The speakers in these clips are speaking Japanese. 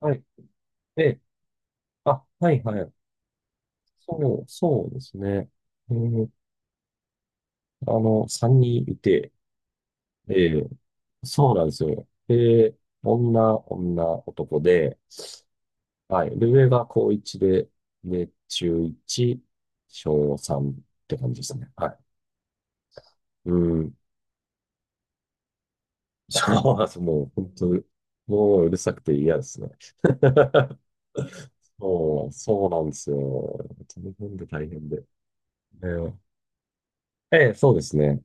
はい。で、あ、はいはい。そう、そうですね。えー3人いて、えそうなんですよ。で、女、女、男で、はい。で、上が高1で、で、中1、小3って感じですね。はい。うん。そうなんです。もう、本当に、もううるさくて嫌ですね。そう、そうなんですよ。大変で大変で。ええ、そうですね。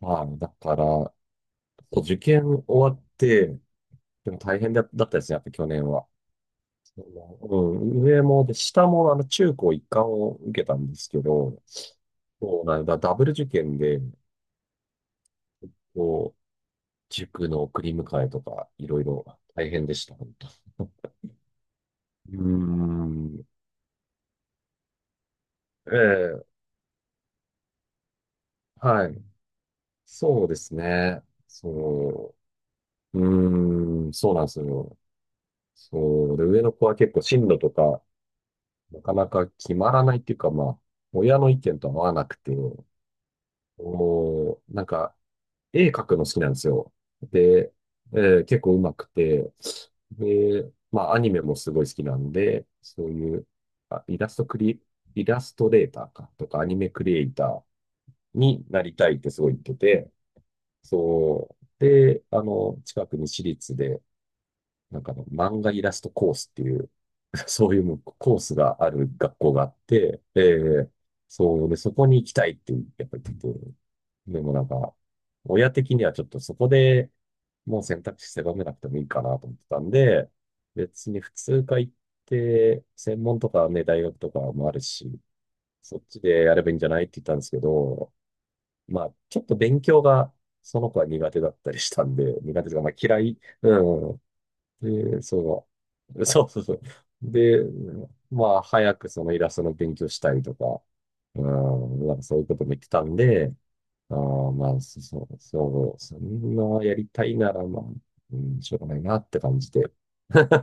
はい。だから、そう受験終わって、でも大変だったですね、やっぱ去年は。そうん、上も、で、下も、中高一貫を受けたんですけど、そうなんだ、ダブル受験で、こう、塾の送り迎えとか、いろいろ大変でした、本当。うーん、ええ、はい。そうですね。そう、うーん、そうなんですよ。そう、で、上の子は結構進路とか、なかなか決まらないっていうか、まあ、親の意見と合わなくて、こう、なんか、絵描くの好きなんですよ。で、え結構上手くて、で、まあ、アニメもすごい好きなんで、そういう、あ、イラストクリ、イラストレーターか、とか、アニメクリエイターになりたいってすごい言ってて、そう。で、近くに私立で、なんかあの漫画イラストコースっていう、そういうコースがある学校があって、ええそうで、そこに行きたいってやっぱり言ってて、でもなんか、親的にはちょっとそこでもう選択肢狭めなくてもいいかなと思ってたんで、別に普通科行って、専門とかね、大学とかもあるし、そっちでやればいいんじゃないって言ったんですけど、まあ、ちょっと勉強がその子は苦手だったりしたんで、苦手というか、まあ嫌い、うん、で、そう、そうそうそう。で、まあ、早くそのイラストの勉強したりとか、うん、なんかそういうことも言ってたんで、あーまあ、そう、そんなやりたいなら、まあ、うん、しょうがないなって感じで。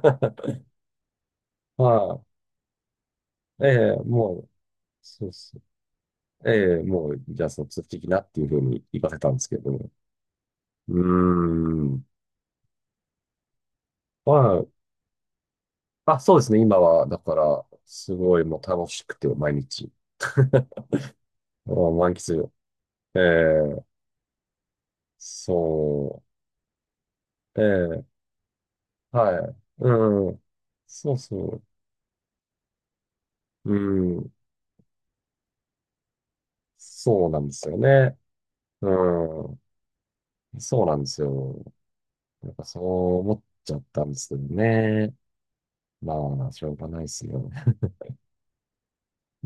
まあ、ええもう、そうそう。ええもう、じゃあ、卒業的なっていうふうに言わせたんですけどうーん。まあ、あ、そうですね。今は、だから、すごいもう楽しくて、毎日。満喫。ええ、そう、ええ、はい、うん、そうそう、うん、そうなんですよね。うん、そうなんですよ。なんかそう思っちゃったんですけどね。まあ、しょうがないですよ。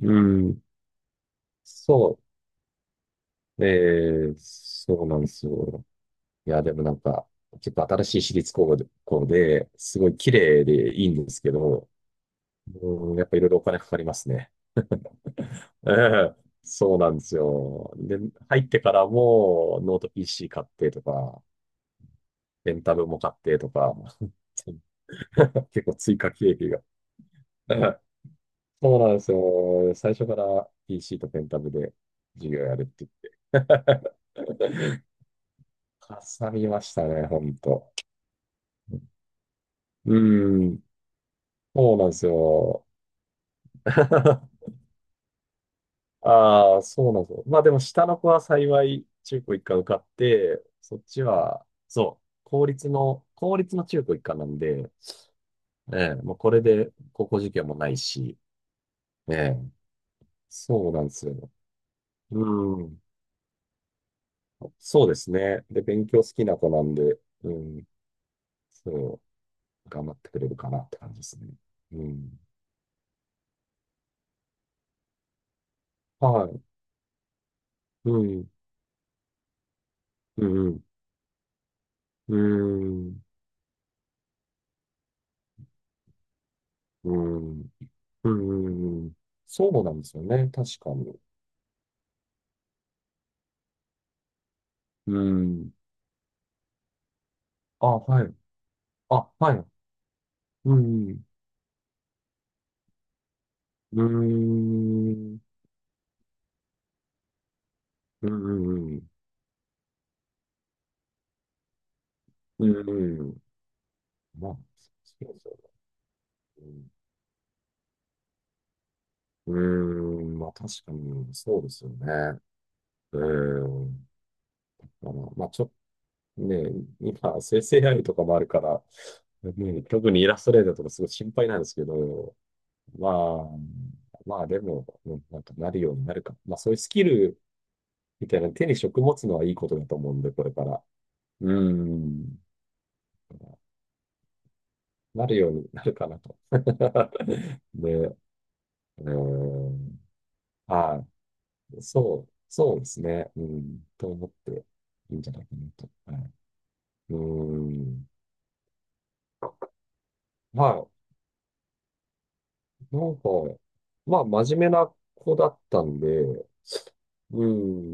うん、そう、ええ、そうなんですよ。いや、でもなんか、結構新しい私立高校で、すごい綺麗でいいんですけど、うん、やっぱいろいろお金かかりますね。ええ、そうなんですよ。で、入ってからもノート PC 買ってとか、レンタルも買ってとか、結構追加経費が。ええそうなんですよ。最初から PC とペンタブで授業やるって言って。かさみましたね、ほんと。うん、そうなんですよ。ああ、そうなんですよ。まあでも下の子は幸い中高一貫受かって、そっちは、そう、公立の中高一貫なんで、ええ、もうこれで高校受験もないし、ええ、そうなんですよ。うん、そうですね。で、勉強好きな子なんで、うん、そう、頑張ってくれるかなって感じですね。うん。はい。うん、うん、うん、うん、うん、うん、うんそうなんですよね。確かに。うん。あ、はい。あ、はい。うん。うーん。うーん。うーん。まあ、そうですよね。うん。うーん。まあ、確かに、そうですよね。うーん。まあ、ちょっとね、今、生成エーア i とかもあるから、ね、特にイラストレーターとかすごい心配なんですけど、まあ、まあ、でも、うんなんかなるようになるか。まあ、そういうスキルみたいなの手に職持つのはいいことだと思うんで、これから。うーん。なるようになるかなと。で、えーはい、そう、そうですね、うん、と思っていいんじゃないかなと。はい、うん、はい、なんか、まあ、真面目な子だったんで、う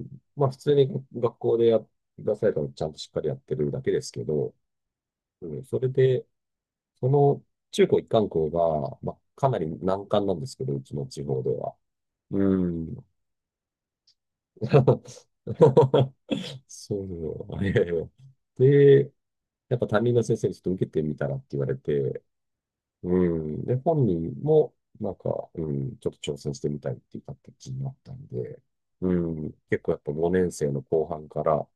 ん、まあ、普通に学校で出されたのちゃんとしっかりやってるだけですけど、うん、それで、その中高一貫校が、まあ、かなり難関なんですけど、うちの地方では。うん。そう、いやいや。で、やっぱ担任の先生にちょっと受けてみたらって言われて、うん。で、本人も、なんか、うん、ちょっと挑戦してみたいっていう形になったんで、うん、結構やっぱ5年生の後半から、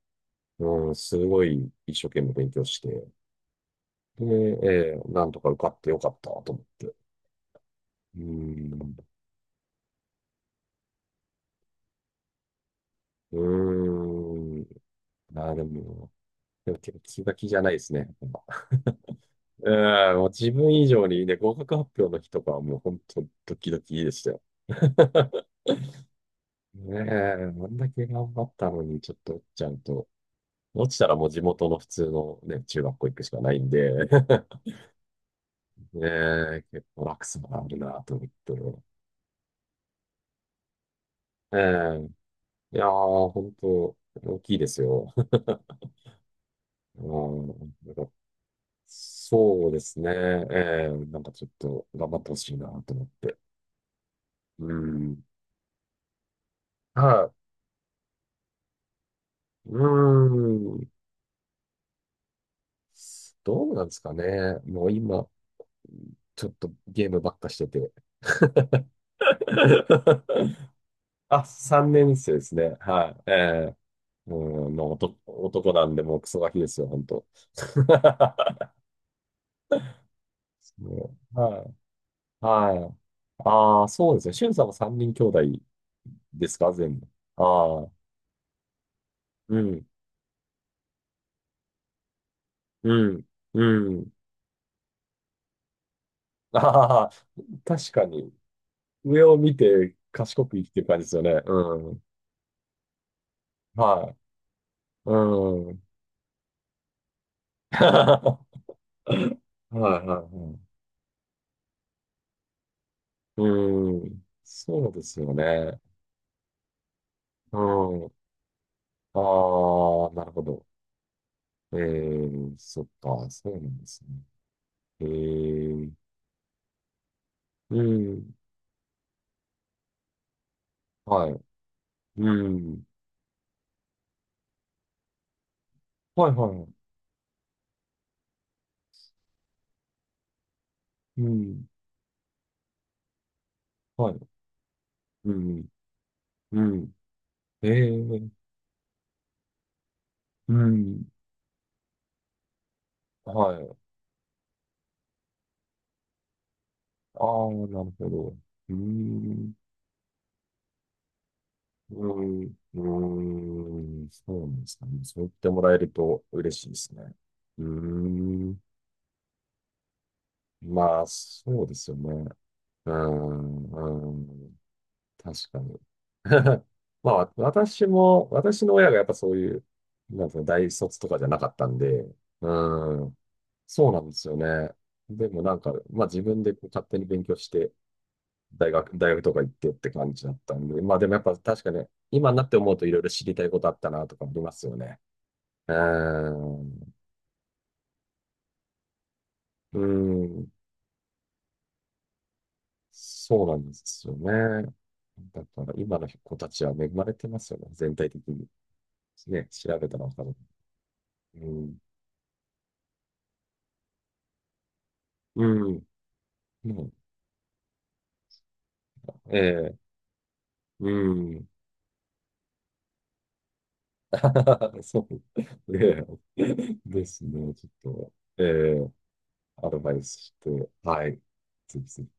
うん、すごい一生懸命勉強して、で、なんとか受かってよかったと思って。うん、うん。あー、でも、気が気じゃないですね。うん、もう自分以上にね、合格発表の日とかはもう本当ドキドキでしたよ。ねえ、あんだけ頑張ったのにちょっと落ちちゃうと、落ちたらもう地元の普通のね、中学校行くしかないんで、ねえ、結構落差があるなと思って。ええ、いやー、本当大きいですよ。うん、なんかそうですね。ええ、なんかちょっと頑張ってほしいなと思って。うん。はい。うん。どうなんですかね。もう今、ちょっとゲームばっかしてて。あ、3年生ですね。はい。ええうん、もう男、男なんで、もうクソガキですよ、本当 そうはい。はい。ああ、そうですね。しゅんさんも3人兄弟ですか、全部。ああ、うん、うん、うん。ああ、確かに。上を見て賢く生きてる感じですよね。うん。はい。うん。はい、はい、はい。うーん。そうですよね。うん。ああ、なるほど。えー、そっか、そうなんですね。えー、うん。はい。うん。はい、はい。うん。はい。うん。うん。えー、うん。はい。ああ、なるほど。うーん。うん。うーん。そうなんですかね。そう言ってもらえると嬉しいですね。うーん。まあ、そうですよね。うーん、うーん、確かに。まあ、私も、私の親がやっぱそういう、なんていうの、大卒とかじゃなかったんで、うーん、そうなんですよね。でもなんか、まあ自分でこう勝手に勉強して、大学とか行ってって感じだったんで、まあでもやっぱ確かに、今になって思うといろいろ知りたいことあったなとかありますよね。うーん、うーん、そうなんですよね。だから今の子たちは恵まれてますよね。全体的に。ね、調べたらわかる。うん。うん。もう、ええうん。そう。ええですね。ちょっと、ええアドバイスして、はい。ぜひぜひ